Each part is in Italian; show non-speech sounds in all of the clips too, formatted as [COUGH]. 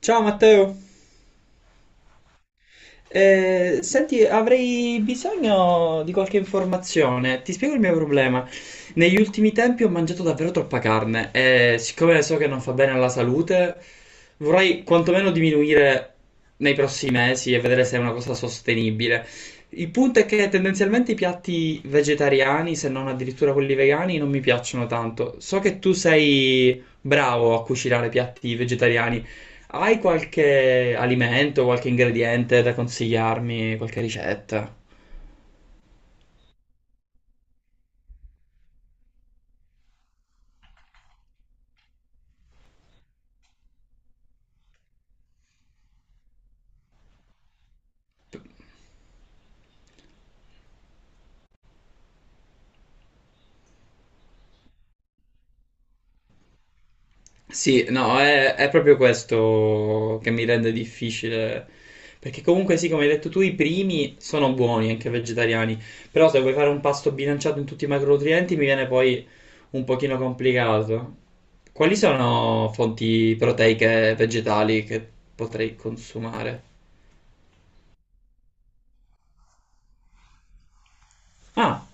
Ciao Matteo. Senti, avrei bisogno di qualche informazione. Ti spiego il mio problema. Negli ultimi tempi ho mangiato davvero troppa carne e siccome so che non fa bene alla salute, vorrei quantomeno diminuire nei prossimi mesi e vedere se è una cosa sostenibile. Il punto è che tendenzialmente i piatti vegetariani, se non addirittura quelli vegani, non mi piacciono tanto. So che tu sei bravo a cucinare piatti vegetariani. Hai qualche alimento, qualche ingrediente da consigliarmi, qualche ricetta? Sì, no, è proprio questo che mi rende difficile. Perché comunque sì, come hai detto tu, i primi sono buoni, anche vegetariani. Però se vuoi fare un pasto bilanciato in tutti i macronutrienti, mi viene poi un pochino complicato. Quali sono fonti proteiche vegetali che potrei consumare? Ah,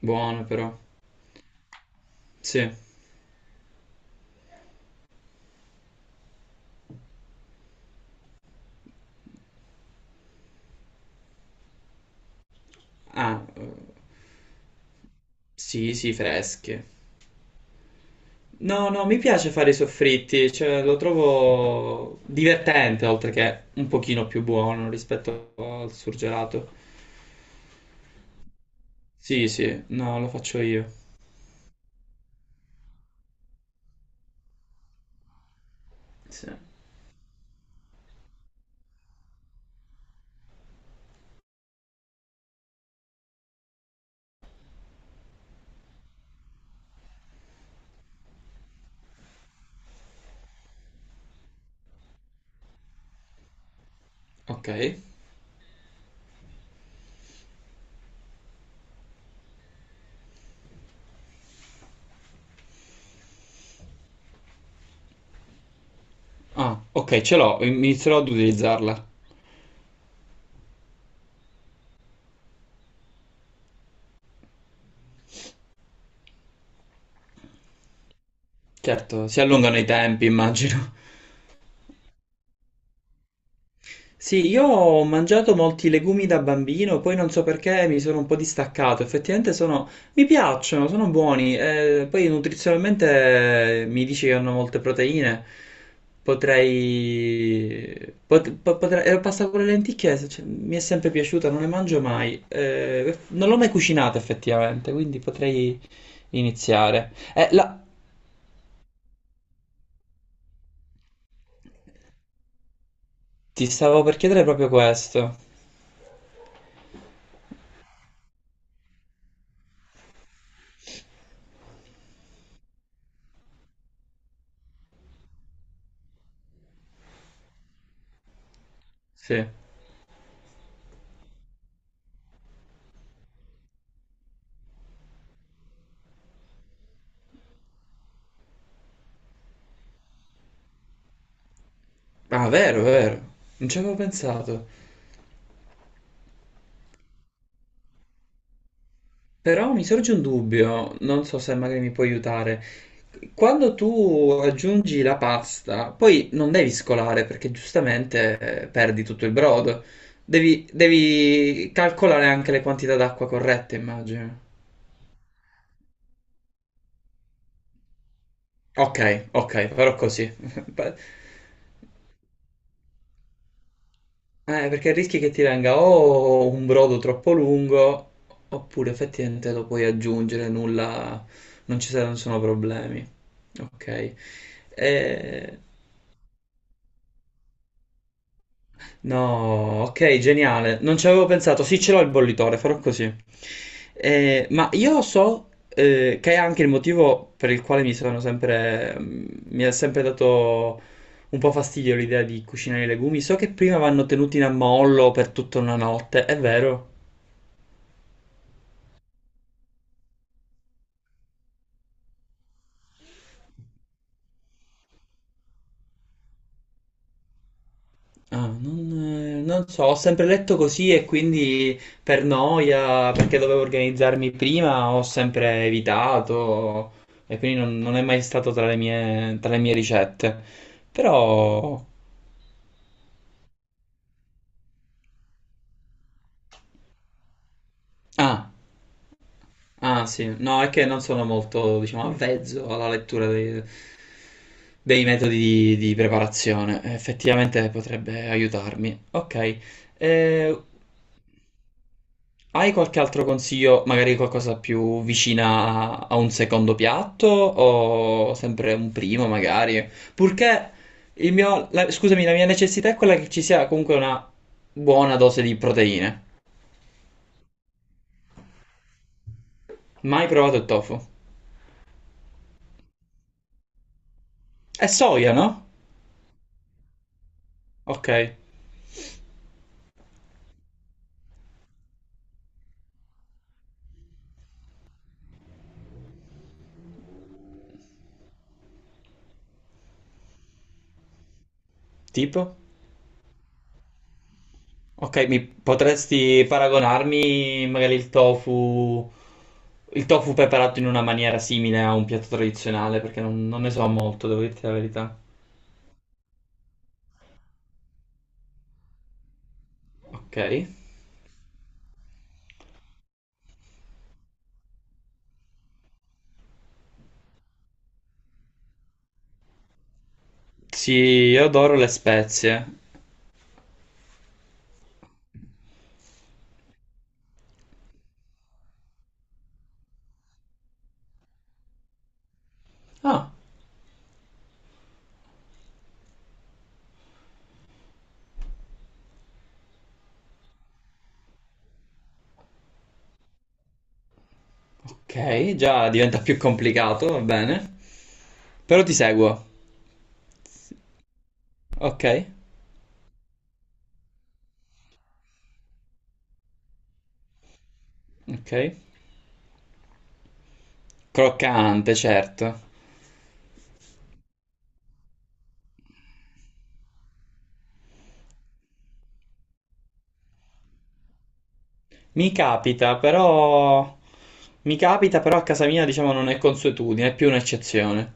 buone però. Sì. Ah, sì, sì, fresche. No, no, mi piace fare i soffritti, cioè lo trovo divertente, oltre che un pochino più buono rispetto al surgelato. Sì, sì, no, lo faccio io. Sì. Ok. Ah, ok, ce l'ho, inizierò ad utilizzarla. Certo, si allungano i tempi, immagino. Sì, io ho mangiato molti legumi da bambino, poi non so perché mi sono un po' distaccato. Effettivamente sono, mi piacciono, sono buoni. Poi nutrizionalmente mi dici che hanno molte proteine. Potrei pasta con le lenticchie, cioè, mi è sempre piaciuta, non le mangio mai. Non l'ho mai cucinata effettivamente, quindi potrei iniziare. Ti stavo per chiedere proprio questo. Sì. Ah, vero, vero. Non ci avevo pensato. Però mi sorge un dubbio, non so se magari mi puoi aiutare. Quando tu aggiungi la pasta, poi non devi scolare perché giustamente perdi tutto il brodo. Devi calcolare anche le quantità d'acqua corrette, immagino. Ok, ok, farò così. [LAUGHS] Pa- perché rischi che ti venga o un brodo troppo lungo, oppure effettivamente lo puoi aggiungere, nulla, non ci saranno sono problemi. Ok. Eh, No, ok, geniale. Non ci avevo pensato. Sì, ce l'ho il bollitore, farò così. Ma io so che è anche il motivo per il quale mi sono sempre, mi ha sempre dato un po' fastidio l'idea di cucinare i legumi. So che prima vanno tenuti in ammollo per tutta una notte, è vero? Ah, non so, ho sempre letto così e quindi per noia, perché dovevo organizzarmi prima, ho sempre evitato e quindi non, non è mai stato tra le mie ricette. Però... Ah, ah sì, no, è che non sono molto, diciamo, avvezzo alla lettura dei, dei metodi di preparazione. Effettivamente potrebbe aiutarmi. Ok, eh, hai qualche altro consiglio, magari qualcosa più vicina a un secondo piatto o sempre un primo magari? Purché il mio, scusami, la mia necessità è quella che ci sia comunque una buona dose di proteine. Mai provato il tofu? È soia, no? Ok, tipo? Ok, mi potresti paragonarmi magari il tofu preparato in una maniera simile a un piatto tradizionale, perché non, non ne so molto, devo dirti la verità. Ok. Sì, io adoro le spezie. Ah, ok, già diventa più complicato, va bene. Però ti seguo. Ok, ok. Croccante, certo. Mi capita, però... Mi capita, però a casa mia, diciamo, non è consuetudine, è più un'eccezione.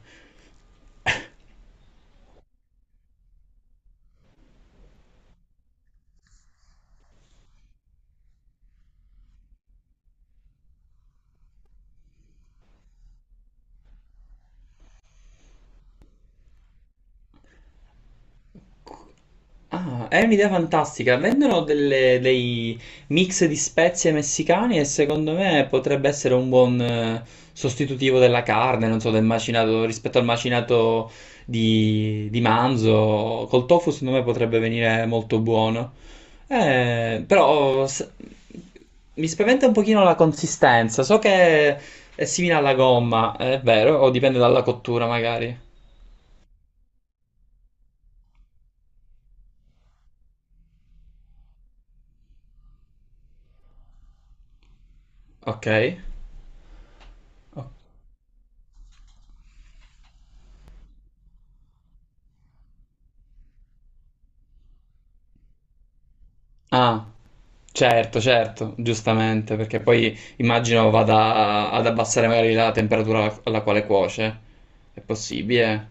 Ah, è un'idea fantastica. Vendono dei mix di spezie messicane e secondo me potrebbe essere un buon sostitutivo della carne, non so, del macinato rispetto al macinato di manzo. Col tofu secondo me potrebbe venire molto buono. Eh, però s- Mi spaventa un pochino la consistenza. So che è simile alla gomma, è vero, o dipende dalla cottura magari. Ok. Ok. Ah, certo, certo, giustamente, perché poi immagino vada ad abbassare magari la temperatura alla quale cuoce. È possibile?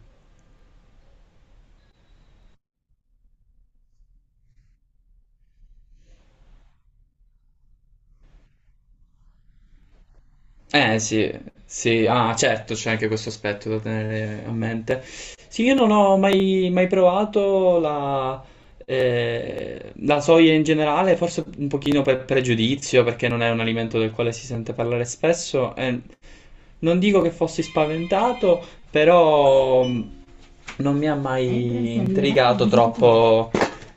Eh sì, sì, ah certo, c'è anche questo aspetto da tenere a mente. Sì, io non ho mai, mai provato la, la soia in generale, forse un pochino per pregiudizio, perché non è un alimento del quale si sente parlare spesso. E non dico che fossi spaventato, però non mi ha mai intrigato troppo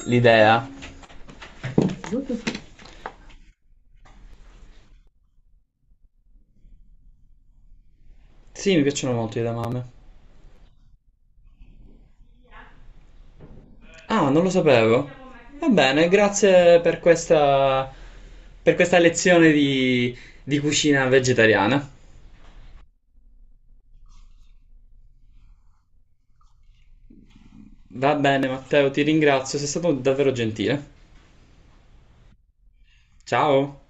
l'idea. Sì, mi piacciono molto le edamame. Ah, non lo sapevo. Va bene, grazie per questa lezione di cucina vegetariana. Va bene, Matteo, ti ringrazio, sei stato davvero gentile. Ciao.